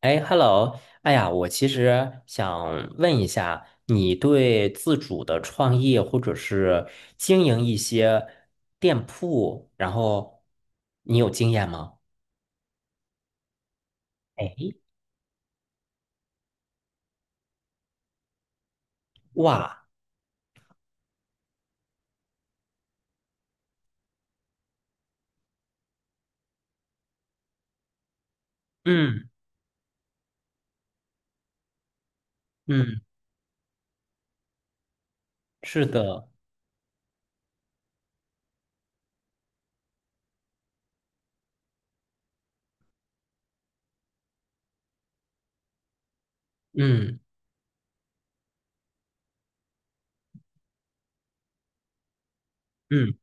哎，Hello，哎呀，我其实想问一下，你对自主的创业或者是经营一些店铺，然后你有经验吗？哎，哇，嗯嗯，是的，嗯嗯，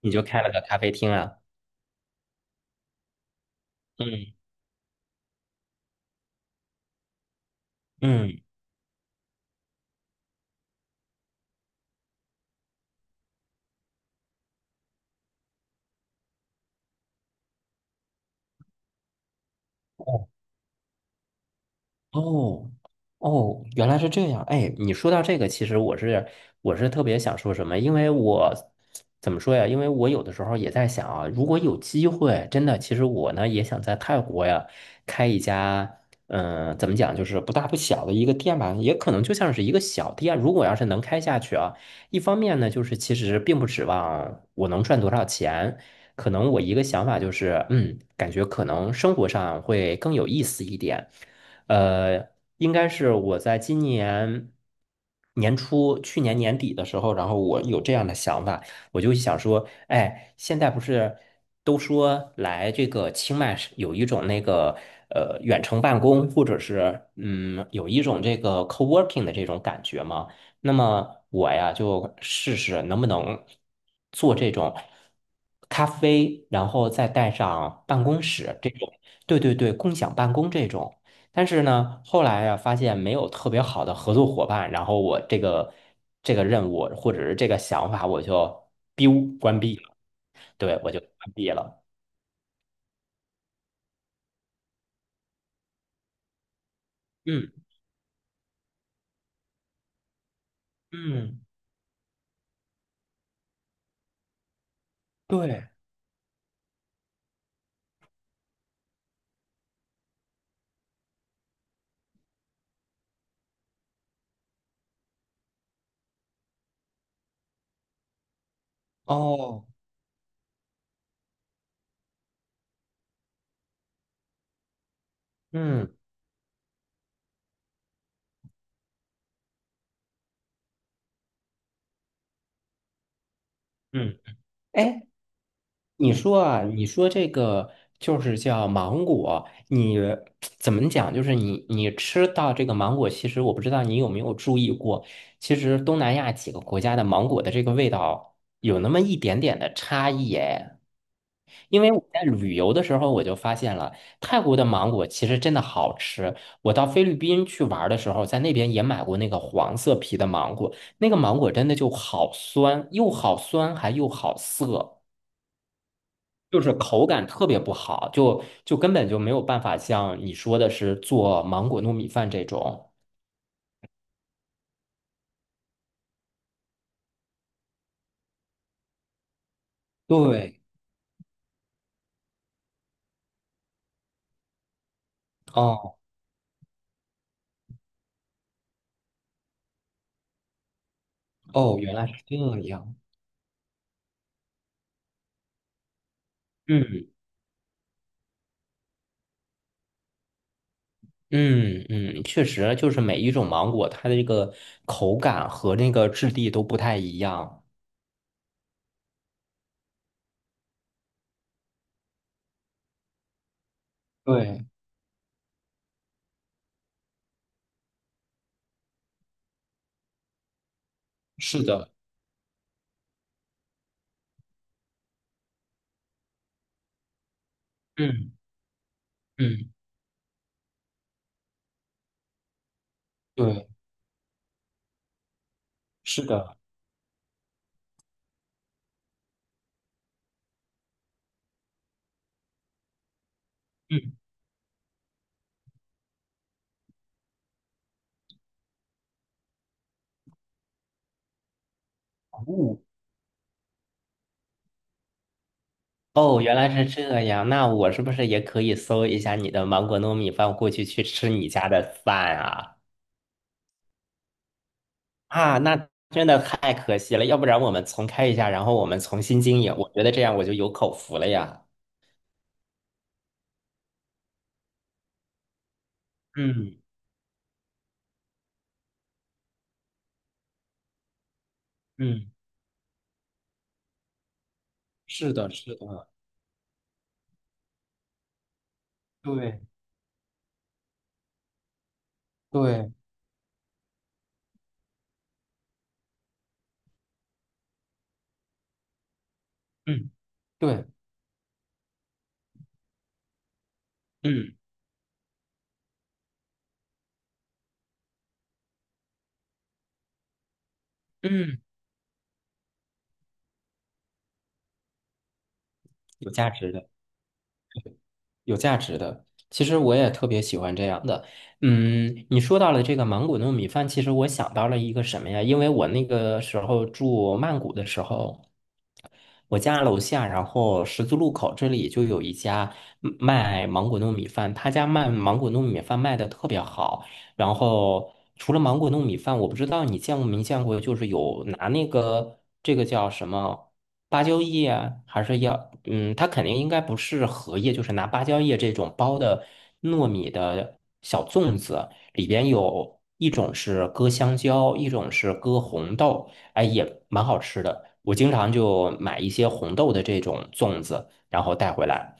你就开了个咖啡厅啊？嗯嗯，哦哦，原来是这样。哎，你说到这个，其实我是特别想说什么，因为我怎么说呀？因为我有的时候也在想啊，如果有机会，真的，其实我呢也想在泰国呀开一家，怎么讲，就是不大不小的一个店吧，也可能就像是一个小店。如果要是能开下去啊，一方面呢，就是其实并不指望我能赚多少钱。可能我一个想法就是，感觉可能生活上会更有意思一点。呃，应该是我在今年年初、去年年底的时候，然后我有这样的想法，我就想说，哎，现在不是都说来这个清迈是有一种那个远程办公，或者是有一种这个 co-working 的这种感觉吗？那么我呀就试试能不能做这种咖啡，然后再带上办公室这种，对对对，共享办公这种。但是呢，后来呀、发现没有特别好的合作伙伴，然后我这个任务或者是这个想法，我就 biu 关闭了，对，我就关闭了。嗯嗯，对，哦，嗯嗯，哎，你说啊，你说这个就是叫芒果，你怎么讲？就是你吃到这个芒果，其实我不知道你有没有注意过，其实东南亚几个国家的芒果的这个味道有那么一点点的差异哎。因为我在旅游的时候我就发现了，泰国的芒果其实真的好吃。我到菲律宾去玩儿的时候，在那边也买过那个黄色皮的芒果，那个芒果真的就好酸，又好酸还又好涩。就是口感特别不好，就根本就没有办法像你说的是做芒果糯米饭这种。对，哦哦，原来是这样。嗯嗯嗯，确实，就是每一种芒果，它的这个口感和那个质地都不太一样。对，是的，嗯嗯，对，是的。嗯，哦哦，原来是这样。那我是不是也可以搜一下你的芒果糯米饭，过去去吃你家的饭啊？啊，那真的太可惜了，要不然我们重开一下，然后我们重新经营，我觉得这样我就有口福了呀。嗯嗯，是的，是的，对对，嗯对，嗯嗯，有价值的，有价值的。其实我也特别喜欢这样的。嗯，你说到了这个芒果糯米饭，其实我想到了一个什么呀？因为我那个时候住曼谷的时候。我家楼下，然后十字路口这里就有一家卖芒果糯米饭，他家卖芒果糯米饭卖的特别好。然后除了芒果糯米饭，我不知道你见过没见过，就是有拿那个这个叫什么芭蕉叶啊，还是要它肯定应该不是荷叶，就是拿芭蕉叶这种包的糯米的小粽子，里边有一种是搁香蕉，一种是搁红豆。哎，也蛮好吃的。我经常就买一些红豆的这种粽子，然后带回来，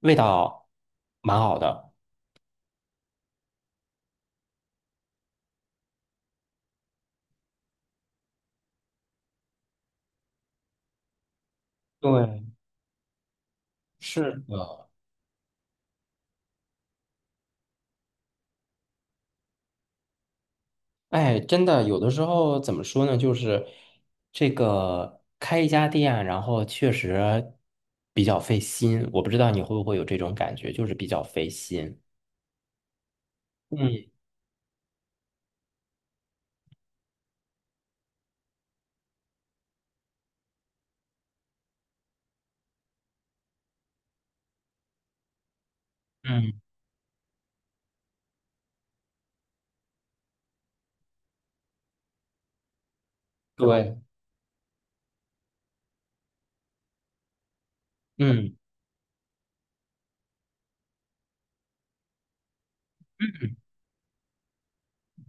味道蛮好的。对，是的，哎，真的，有的时候怎么说呢，就是这个开一家店啊，然后确实比较费心。我不知道你会不会有这种感觉，就是比较费心。嗯，嗯对，嗯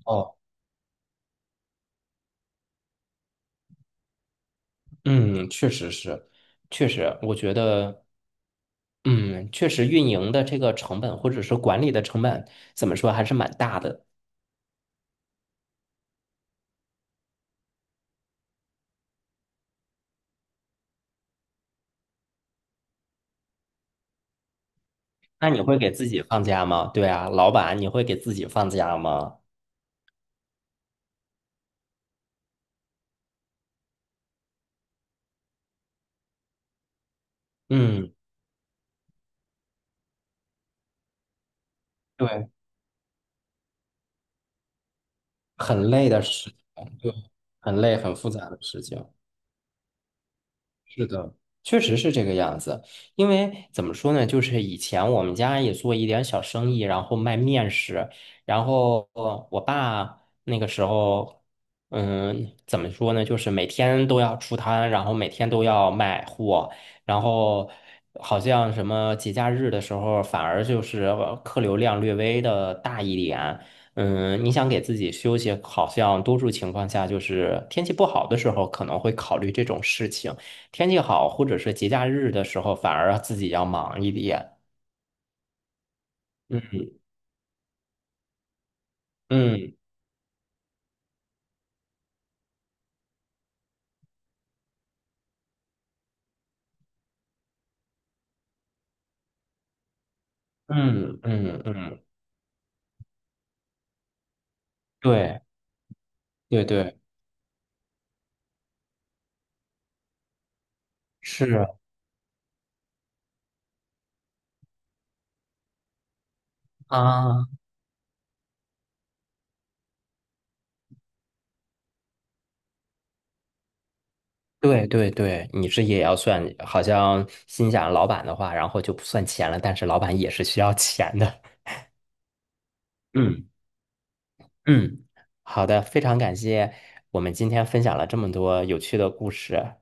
哦，嗯，确实是，确实，我觉得。嗯，确实运营的这个成本或者是管理的成本，怎么说还是蛮大的。那你会给自己放假吗？对啊，老板，你会给自己放假吗？嗯，对，很累的事情，对，很累很复杂的事情。是的，确实是这个样子，因为怎么说呢，就是以前我们家也做一点小生意，然后卖面食，然后我爸那个时候，怎么说呢，就是每天都要出摊，然后每天都要卖货，然后好像什么节假日的时候，反而就是客流量略微的大一点。嗯，你想给自己休息，好像多数情况下就是天气不好的时候可能会考虑这种事情。天气好或者是节假日的时候，反而自己要忙一点。嗯嗯嗯嗯嗯，对对对，是啊，对对对，你是也要算，好像心想老板的话，然后就不算钱了，但是老板也是需要钱的。嗯嗯，好的，非常感谢我们今天分享了这么多有趣的故事。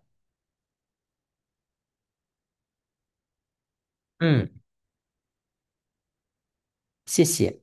嗯，谢谢。